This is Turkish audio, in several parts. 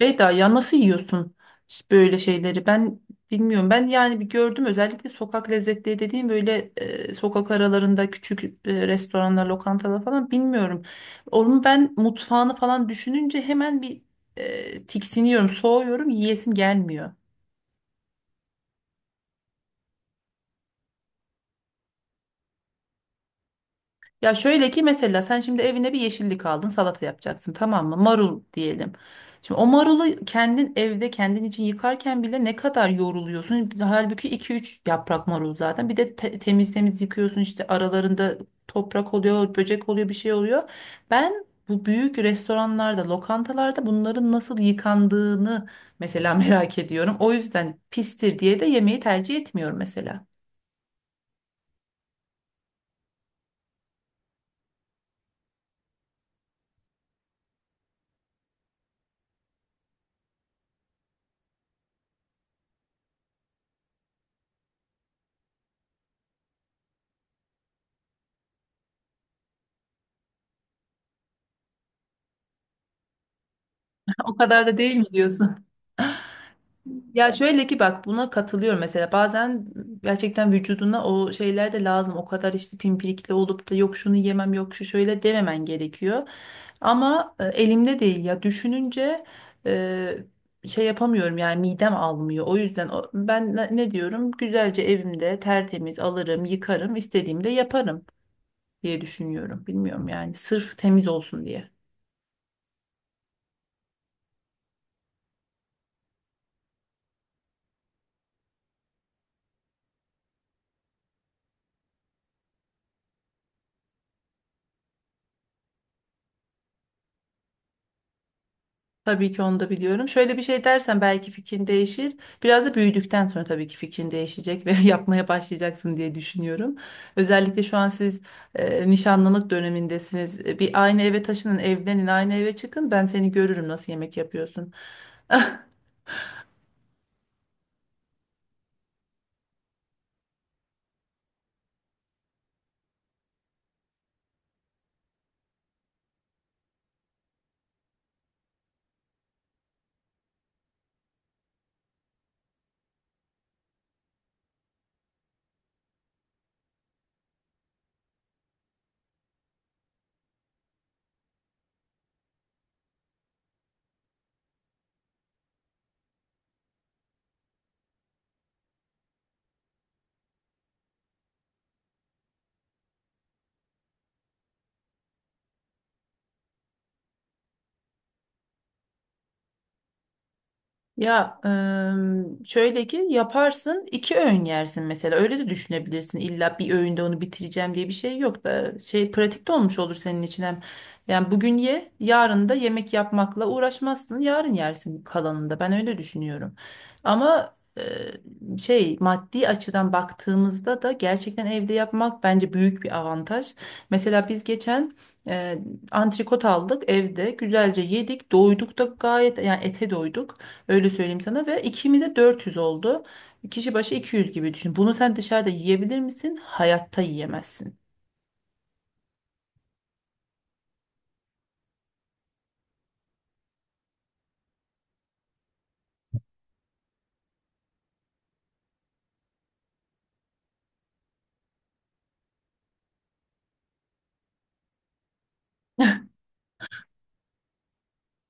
Beyda ya nasıl yiyorsun böyle şeyleri? Ben bilmiyorum. Ben yani bir gördüm özellikle sokak lezzetleri dediğim böyle sokak aralarında küçük restoranlar, lokantalar falan bilmiyorum. Onun ben mutfağını falan düşününce hemen bir tiksiniyorum, soğuyorum, yiyesim gelmiyor. Ya şöyle ki mesela sen şimdi evine bir yeşillik aldın salata yapacaksın tamam mı? Marul diyelim. Şimdi o marulu kendin evde kendin için yıkarken bile ne kadar yoruluyorsun. Halbuki iki üç yaprak marul zaten. Bir de temiz temiz yıkıyorsun işte aralarında toprak oluyor, böcek oluyor, bir şey oluyor. Ben bu büyük restoranlarda, lokantalarda bunların nasıl yıkandığını mesela merak ediyorum. O yüzden pistir diye de yemeği tercih etmiyorum mesela. O kadar da değil mi diyorsun? Ya şöyle ki bak buna katılıyorum mesela bazen gerçekten vücuduna o şeyler de lazım o kadar işte pimpirikli olup da yok şunu yemem yok şu şöyle dememen gerekiyor ama elimde değil ya düşününce e, şey yapamıyorum yani midem almıyor o yüzden ben ne diyorum güzelce evimde tertemiz alırım yıkarım istediğimde yaparım diye düşünüyorum. Bilmiyorum yani sırf temiz olsun diye. Tabii ki onu da biliyorum. Şöyle bir şey dersen belki fikrin değişir. Biraz da büyüdükten sonra tabii ki fikrin değişecek ve yapmaya başlayacaksın diye düşünüyorum. Özellikle şu an siz nişanlılık dönemindesiniz. Bir aynı eve taşının, evlenin, aynı eve çıkın. Ben seni görürüm nasıl yemek yapıyorsun. Ya şöyle ki yaparsın iki öğün yersin mesela öyle de düşünebilirsin illa bir öğünde onu bitireceğim diye bir şey yok da şey pratikte olmuş olur senin için hem yani bugün ye yarın da yemek yapmakla uğraşmazsın yarın yersin kalanında ben öyle düşünüyorum ama şey maddi açıdan baktığımızda da gerçekten evde yapmak bence büyük bir avantaj mesela biz geçen eee antrikot aldık evde güzelce yedik doyduk da gayet yani ete doyduk. Öyle söyleyeyim sana ve ikimize 400 oldu. Kişi başı 200 gibi düşün. Bunu sen dışarıda yiyebilir misin? Hayatta yiyemezsin.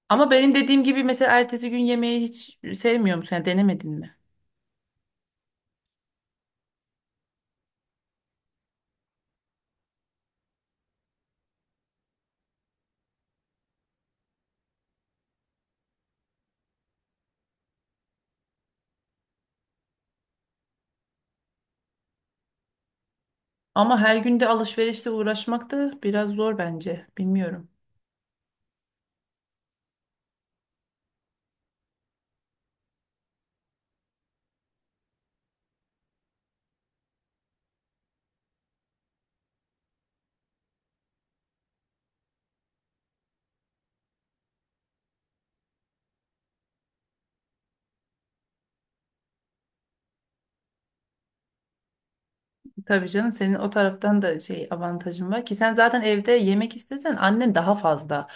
Ama benim dediğim gibi mesela ertesi gün yemeği hiç sevmiyor musun? Yani denemedin mi? Ama her gün de alışverişle uğraşmak da biraz zor bence. Bilmiyorum. Tabii canım senin o taraftan da şey avantajın var ki sen zaten evde yemek istesen annen daha fazla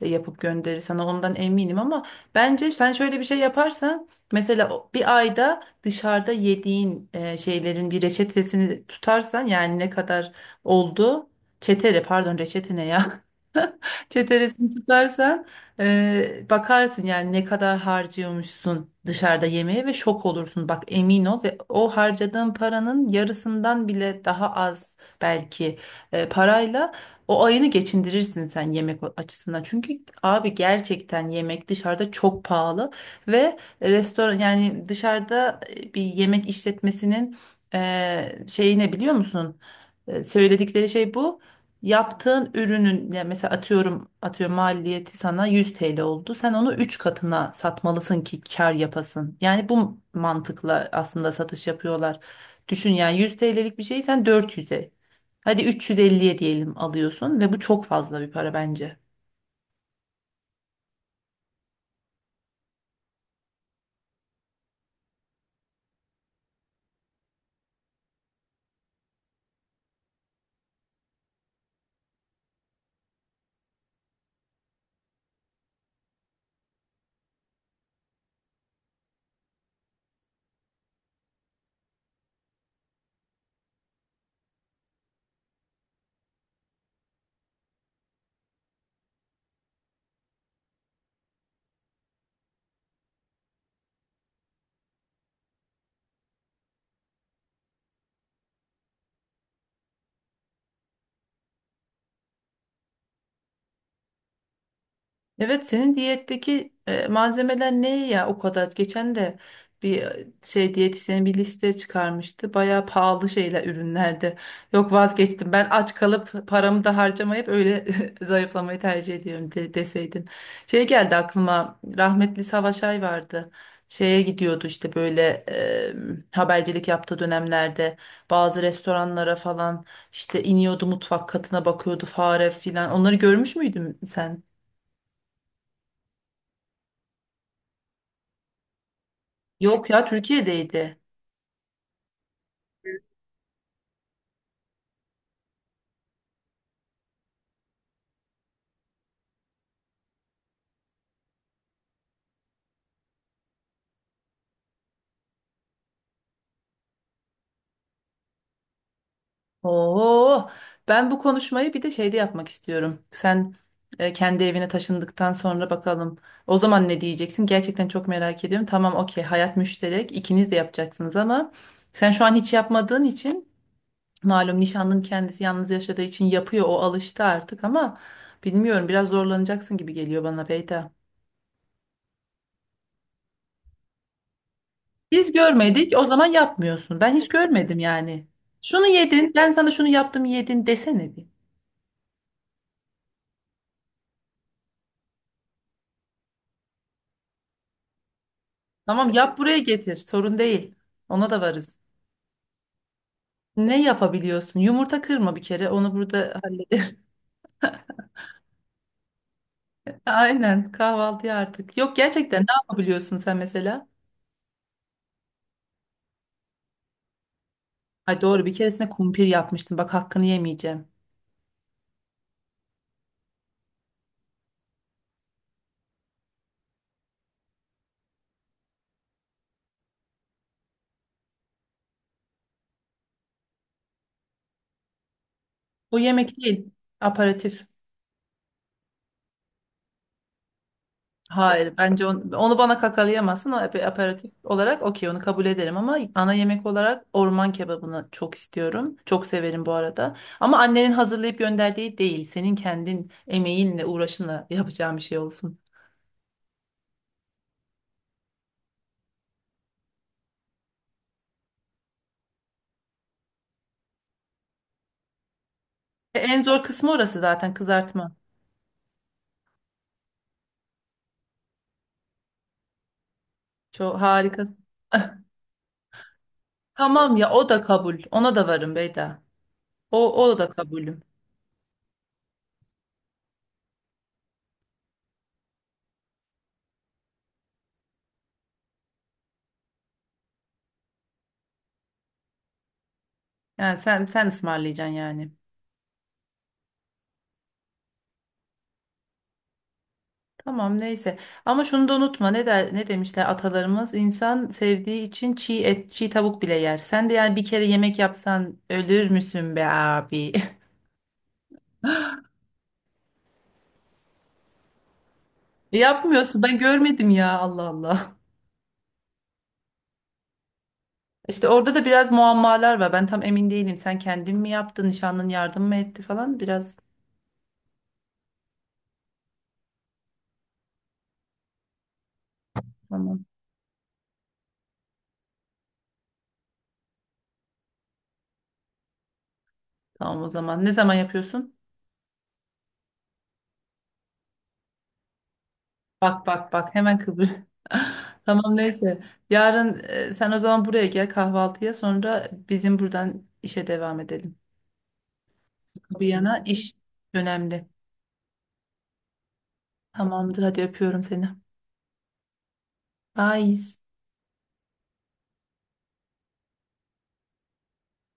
yapıp gönderir sana ondan eminim ama bence sen şöyle bir şey yaparsan mesela bir ayda dışarıda yediğin şeylerin bir reçetesini tutarsan yani ne kadar oldu çetere pardon reçete ne ya çeteresini tutarsan bakarsın yani ne kadar harcıyormuşsun dışarıda yemeğe ve şok olursun. Bak emin ol ve o harcadığın paranın yarısından bile daha az belki parayla o ayını geçindirirsin sen yemek açısından. Çünkü abi gerçekten yemek dışarıda çok pahalı ve restoran yani dışarıda bir yemek işletmesinin şeyi ne biliyor musun? Söyledikleri şey bu. Yaptığın ürünün ya mesela atıyorum maliyeti sana 100 TL oldu. Sen onu 3 katına satmalısın ki kar yapasın. Yani bu mantıkla aslında satış yapıyorlar. Düşün yani 100 TL'lik bir şeyi sen 400'e hadi 350'ye diyelim alıyorsun ve bu çok fazla bir para bence. Evet senin diyetteki malzemeler ne ya o kadar? Geçen de bir şey diyetisyen bir liste çıkarmıştı. Bayağı pahalı şeyler ürünlerdi. Yok vazgeçtim. Ben aç kalıp paramı da harcamayıp öyle zayıflamayı tercih ediyorum deseydin. Şey geldi aklıma. Rahmetli Savaş Ay vardı. Şeye gidiyordu işte böyle e, habercilik yaptığı dönemlerde bazı restoranlara falan işte iniyordu mutfak katına bakıyordu fare filan. Onları görmüş müydün sen? Yok ya Türkiye'deydi. Oo, ben bu konuşmayı bir de şeyde yapmak istiyorum. Sen kendi evine taşındıktan sonra bakalım. O zaman ne diyeceksin? Gerçekten çok merak ediyorum. Tamam, okey. Hayat müşterek. İkiniz de yapacaksınız ama sen şu an hiç yapmadığın için malum nişanlının kendisi yalnız yaşadığı için yapıyor. O alıştı artık ama bilmiyorum biraz zorlanacaksın gibi geliyor bana Beyda. Biz görmedik, o zaman yapmıyorsun. Ben hiç görmedim yani. Şunu yedin, ben sana şunu yaptım yedin desene bir. Tamam yap buraya getir. Sorun değil. Ona da varız. Ne yapabiliyorsun? Yumurta kırma bir kere. Onu burada hallederim. Aynen kahvaltıya artık. Yok gerçekten ne yapabiliyorsun sen mesela? Ay doğru bir keresinde kumpir yapmıştım. Bak hakkını yemeyeceğim. Bu yemek değil. Aparatif. Hayır bence onu, bana kakalayamazsın. O aperatif olarak okey onu kabul ederim ama ana yemek olarak orman kebabını çok istiyorum. Çok severim bu arada. Ama annenin hazırlayıp gönderdiği değil. Senin kendin emeğinle uğraşınla yapacağın bir şey olsun. En zor kısmı orası zaten kızartma. Çok harikasın. Tamam ya o da kabul. Ona da varım Beyda. O, o da kabulüm. Yani sen ısmarlayacaksın yani. Tamam neyse. Ama şunu da unutma. Ne der, ne demişler atalarımız? İnsan sevdiği için çiğ et, çiğ tavuk bile yer. Sen de yani bir kere yemek yapsan ölür müsün be abi? Yapmıyorsun. Ben görmedim ya Allah Allah. İşte orada da biraz muammalar var. Ben tam emin değilim. Sen kendin mi yaptın? Nişanlın yardım mı etti falan? Biraz tamam. Tamam o zaman. Ne zaman yapıyorsun? Bak bak bak hemen kıvır. Tamam neyse. Yarın sen o zaman buraya gel kahvaltıya sonra bizim buradan işe devam edelim. Bir yana iş önemli. Tamamdır hadi öpüyorum seni. Bye.